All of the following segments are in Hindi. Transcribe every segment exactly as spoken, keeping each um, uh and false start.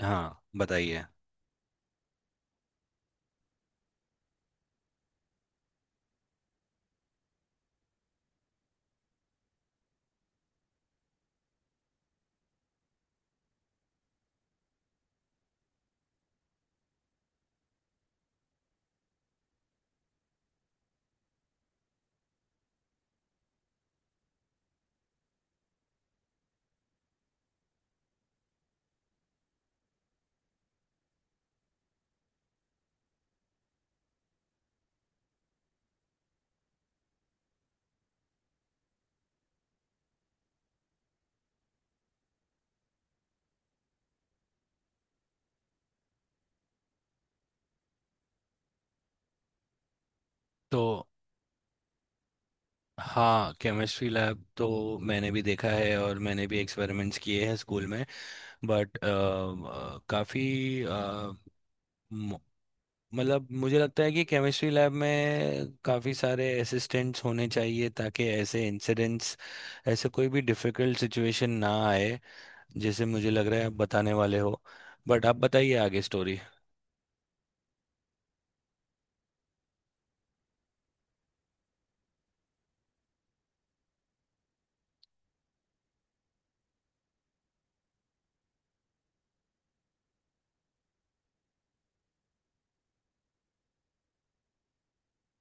हाँ बताइए। तो। हाँ, केमिस्ट्री लैब तो मैंने भी देखा है और मैंने भी एक्सपेरिमेंट्स किए हैं स्कूल में। बट काफ़ी मतलब मुझे लगता है कि केमिस्ट्री लैब में काफ़ी सारे असिस्टेंट्स होने चाहिए ताकि ऐसे इंसिडेंट्स ऐसे कोई भी डिफ़िकल्ट सिचुएशन ना आए जैसे मुझे लग रहा है आप बताने वाले हो। बट आप बताइए आगे स्टोरी।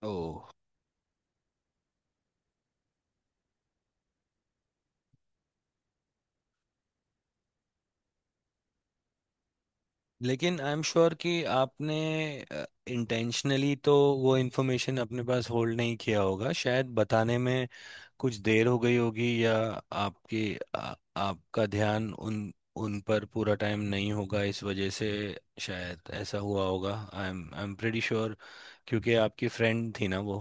ओ। लेकिन आई एम श्योर कि आपने इंटेंशनली तो वो इन्फॉर्मेशन अपने पास होल्ड नहीं किया होगा। शायद बताने में कुछ देर हो गई होगी या आपकी आ, आपका ध्यान उन उन पर पूरा टाइम नहीं होगा इस वजह से शायद ऐसा हुआ होगा। I am I am pretty sure क्योंकि आपकी फ्रेंड थी ना वो।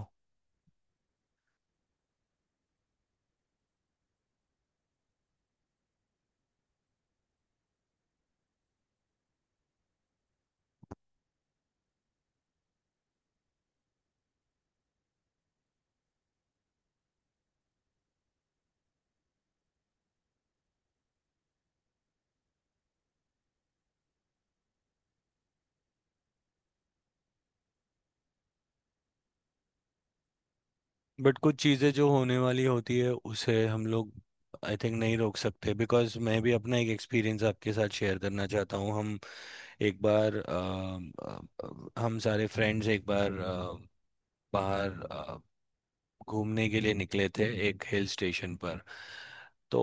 बट कुछ चीज़ें जो होने वाली होती है उसे हम लोग आई थिंक नहीं रोक सकते बिकॉज मैं भी अपना एक एक्सपीरियंस आपके साथ शेयर करना चाहता हूँ। हम एक बार अम, अ, अ, हम सारे फ्रेंड्स एक बार अ, बाहर अ, घूमने के लिए निकले थे एक हिल स्टेशन पर। तो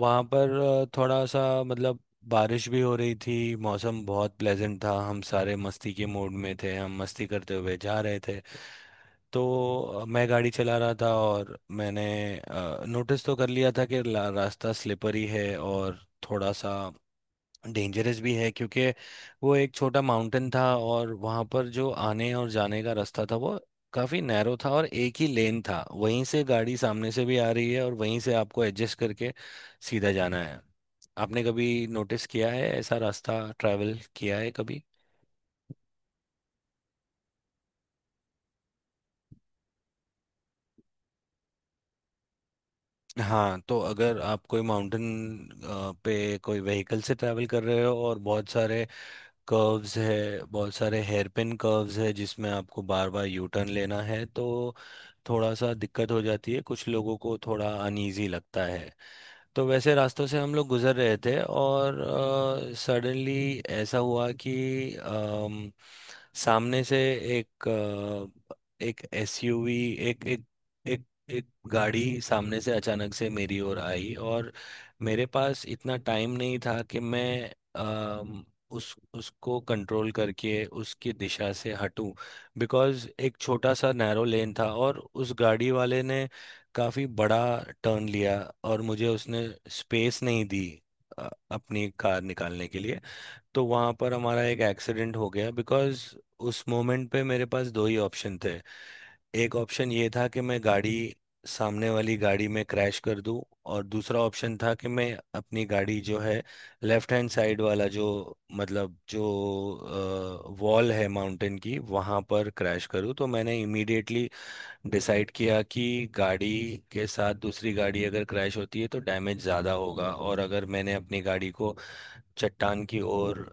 वहाँ पर अ, थोड़ा सा मतलब बारिश भी हो रही थी। मौसम बहुत प्लेजेंट था। हम सारे मस्ती के मूड में थे। हम मस्ती करते हुए जा रहे थे। तो अ, मैं गाड़ी चला रहा था और मैंने नोटिस तो कर लिया था कि ला- रास्ता स्लिपरी है और थोड़ा सा डेंजरस भी है क्योंकि वो एक छोटा माउंटेन था और वहां पर जो आने और जाने का रास्ता था वो काफी नैरो था और एक ही लेन था। वहीं से गाड़ी सामने से भी आ रही है और वहीं से आपको एडजस्ट करके सीधा जाना है। आपने कभी नोटिस किया है? ऐसा रास्ता ट्रैवल किया है कभी? हाँ, तो अगर आप कोई माउंटेन पे कोई व्हीकल से ट्रैवल कर रहे हो और बहुत सारे कर्व्स है बहुत सारे हेयर पिन कर्व्स है जिसमें आपको बार बार यू टर्न लेना है तो थोड़ा सा दिक्कत हो जाती है कुछ लोगों को थोड़ा अनईजी लगता है। तो वैसे रास्तों से हम लोग गुजर रहे थे और सडनली ऐसा हुआ कि अम, सामने से एक अ, एक एस यू वी एक एक एक एक गाड़ी सामने से अचानक से मेरी ओर आई और मेरे पास इतना टाइम नहीं था कि मैं अम, उस उसको कंट्रोल करके उसकी दिशा से हटूं। बिकॉज़ एक छोटा सा नैरो लेन था और उस गाड़ी वाले ने काफी बड़ा टर्न लिया और मुझे उसने स्पेस नहीं दी अ, अपनी कार निकालने के लिए। तो वहां पर हमारा एक एक्सीडेंट हो गया बिकॉज उस मोमेंट पे मेरे पास दो ही ऑप्शन थे। एक ऑप्शन ये था कि मैं गाड़ी सामने वाली गाड़ी में क्रैश कर दूं और दूसरा ऑप्शन था कि मैं अपनी गाड़ी जो है लेफ्ट हैंड साइड वाला जो मतलब जो वॉल है माउंटेन की वहां पर क्रैश करूं। तो मैंने इमीडिएटली डिसाइड किया कि गाड़ी के साथ दूसरी गाड़ी अगर क्रैश होती है तो डैमेज ज़्यादा होगा और अगर मैंने अपनी गाड़ी को चट्टान की ओर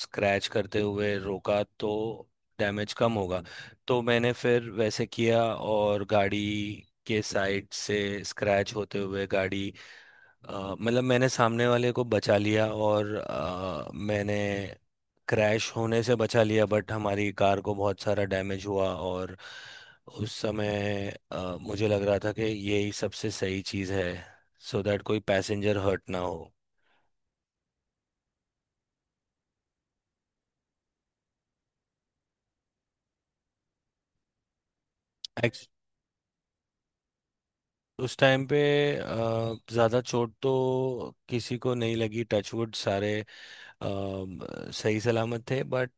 स्क्रैच करते हुए रोका तो डैमेज कम होगा। तो मैंने फिर वैसे किया और गाड़ी के साइड से स्क्रैच होते हुए गाड़ी अ, मतलब मैंने सामने वाले को बचा लिया और अ, मैंने क्रैश होने से बचा लिया बट हमारी कार को बहुत सारा डैमेज हुआ। और उस समय अ, मुझे लग रहा था कि यही सबसे सही चीज़ है सो so दैट कोई पैसेंजर हर्ट ना हो। एक्च- उस टाइम पे अ, ज़्यादा चोट तो किसी को नहीं लगी। टचवुड सारे अम, सही सलामत थे। बट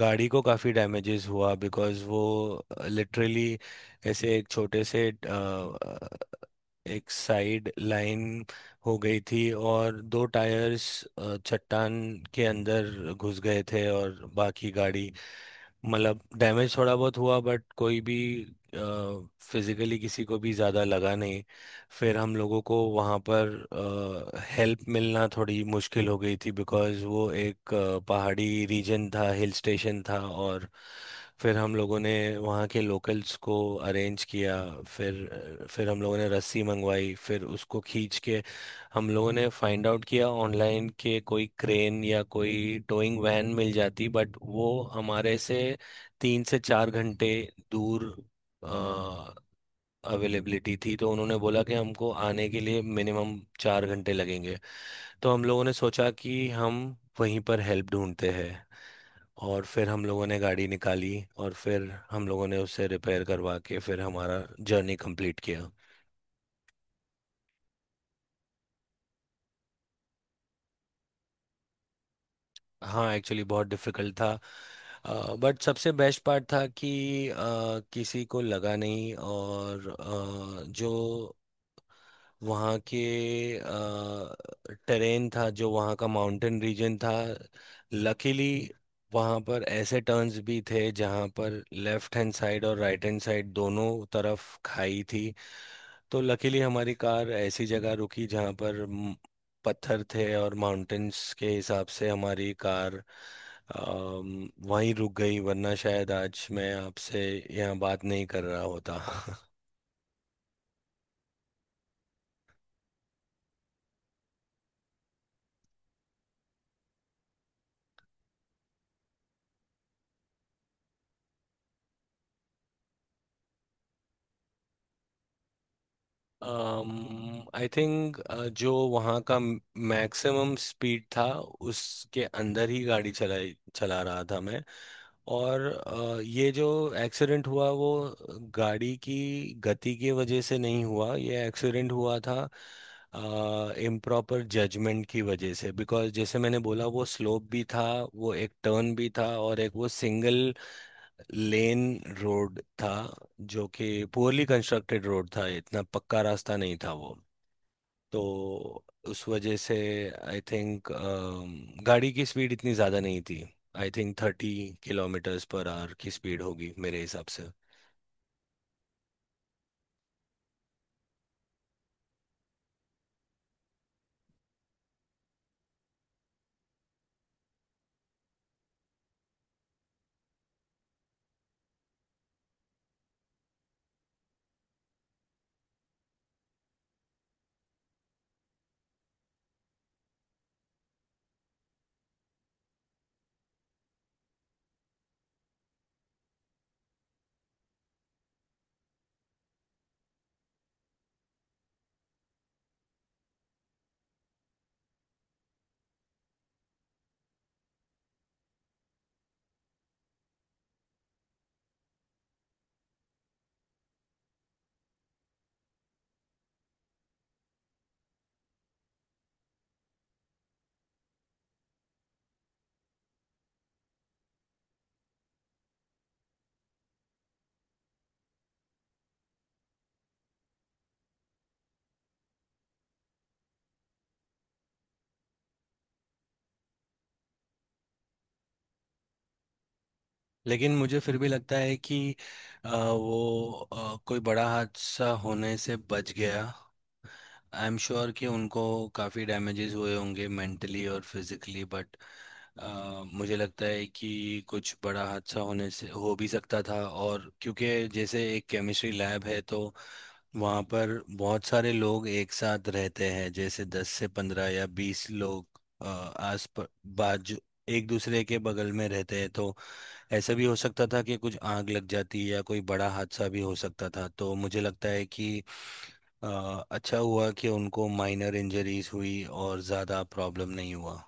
गाड़ी को काफ़ी डैमेजेस हुआ बिकॉज़ वो लिटरली ऐसे एक छोटे से अ, एक साइड लाइन हो गई थी और दो टायर्स चट्टान के अंदर घुस गए थे और बाकी गाड़ी मतलब डैमेज थोड़ा बहुत हुआ बट कोई भी फिजिकली किसी को भी ज़्यादा लगा नहीं। फिर हम लोगों को वहाँ पर हेल्प मिलना थोड़ी मुश्किल हो गई थी बिकॉज़ वो एक अ, पहाड़ी रीजन था हिल स्टेशन था। और फिर हम लोगों ने वहाँ के लोकल्स को अरेंज किया। फिर फिर हम लोगों ने रस्सी मंगवाई फिर उसको खींच के हम लोगों ने फाइंड आउट किया ऑनलाइन के कोई क्रेन या कोई टोइंग वैन मिल जाती। बट वो हमारे से तीन से चार घंटे दूर अवेलेबिलिटी थी तो उन्होंने बोला कि हमको आने के लिए मिनिमम चार घंटे लगेंगे। तो हम लोगों ने सोचा कि हम वहीं पर हेल्प ढूंढते हैं और फिर हम लोगों ने गाड़ी निकाली और फिर हम लोगों ने उसे रिपेयर करवा के फिर हमारा जर्नी कंप्लीट किया। हाँ, एक्चुअली बहुत डिफिकल्ट था बट सबसे बेस्ट पार्ट था कि अ, किसी को लगा नहीं और अ, जो वहाँ के टेरेन था जो वहाँ का माउंटेन रीजन था। लकीली वहाँ पर ऐसे टर्न्स भी थे जहाँ पर लेफ्ट हैंड साइड और राइट हैंड साइड दोनों तरफ खाई थी तो लकीली हमारी कार ऐसी जगह रुकी जहाँ पर म, पत्थर थे और माउंटेन्स के हिसाब से हमारी कार अम, वहीं रुक गई वरना शायद आज मैं आपसे यहाँ बात नहीं कर रहा होता आई थिंक जो वहाँ का मैक्सिमम स्पीड था उसके अंदर ही गाड़ी चलाई चला रहा था मैं। और अ, ये जो एक्सीडेंट हुआ वो गाड़ी की गति की वजह से नहीं हुआ। ये एक्सीडेंट हुआ था इम्प्रॉपर जजमेंट की वजह से बिकॉज जैसे मैंने बोला वो स्लोप भी था वो एक टर्न भी था और एक वो सिंगल लेन रोड था जो कि पुअरली कंस्ट्रक्टेड रोड था इतना पक्का रास्ता नहीं था वो। तो उस वजह से आई थिंक गाड़ी की स्पीड इतनी ज़्यादा नहीं थी। I think thirty kilometres per hour की स्पीड होगी मेरे हिसाब से। लेकिन मुझे फिर भी लगता है कि अ, वो अ, कोई बड़ा हादसा होने से बच गया। आई एम श्योर कि उनको काफ़ी डैमेजेस हुए होंगे मेंटली और फिजिकली बट मुझे लगता है कि कुछ बड़ा हादसा होने से हो भी सकता था। और क्योंकि जैसे एक केमिस्ट्री लैब है तो वहाँ पर बहुत सारे लोग एक साथ रहते हैं जैसे दस से पंद्रह या बीस लोग अ, आस प- बाजू एक दूसरे के बगल में रहते हैं तो ऐसा भी हो सकता था कि कुछ आग लग जाती या कोई बड़ा हादसा भी हो सकता था। तो मुझे लगता है कि अ, अच्छा हुआ कि उनको माइनर इंजरीज हुई और ज़्यादा प्रॉब्लम नहीं हुआ।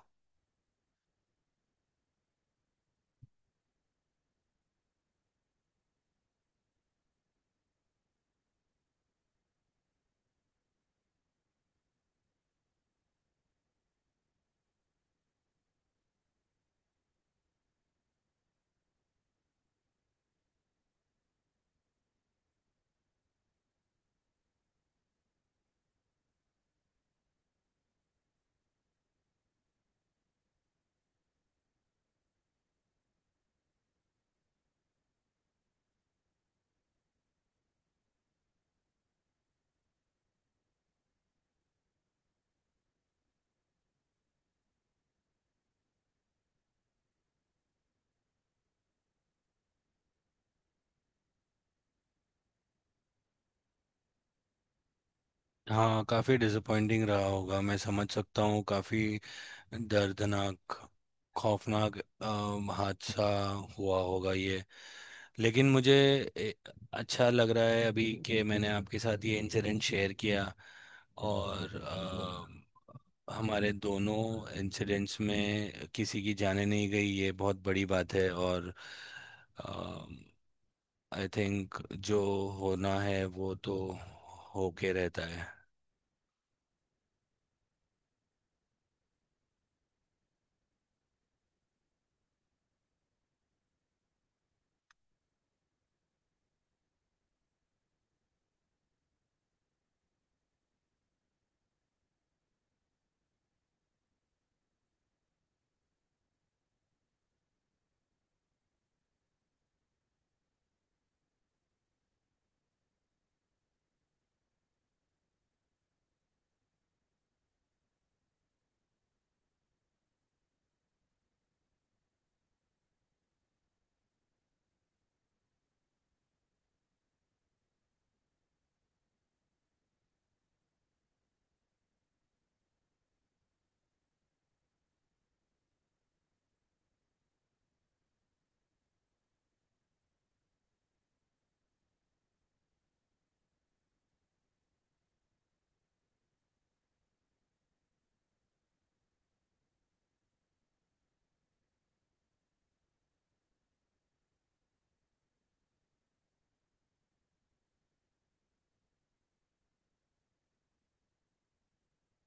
हाँ, काफ़ी डिसअपॉइंटिंग रहा होगा। मैं समझ सकता हूँ। काफ़ी दर्दनाक खौफनाक अम, हादसा हुआ होगा ये। लेकिन मुझे ए, अच्छा लग रहा है अभी कि मैंने आपके साथ ये इंसिडेंट शेयर किया और अम, हमारे दोनों इंसिडेंट्स में किसी की जाने नहीं गई। ये बहुत बड़ी बात है और आई थिंक जो होना है वो तो होके रहता है।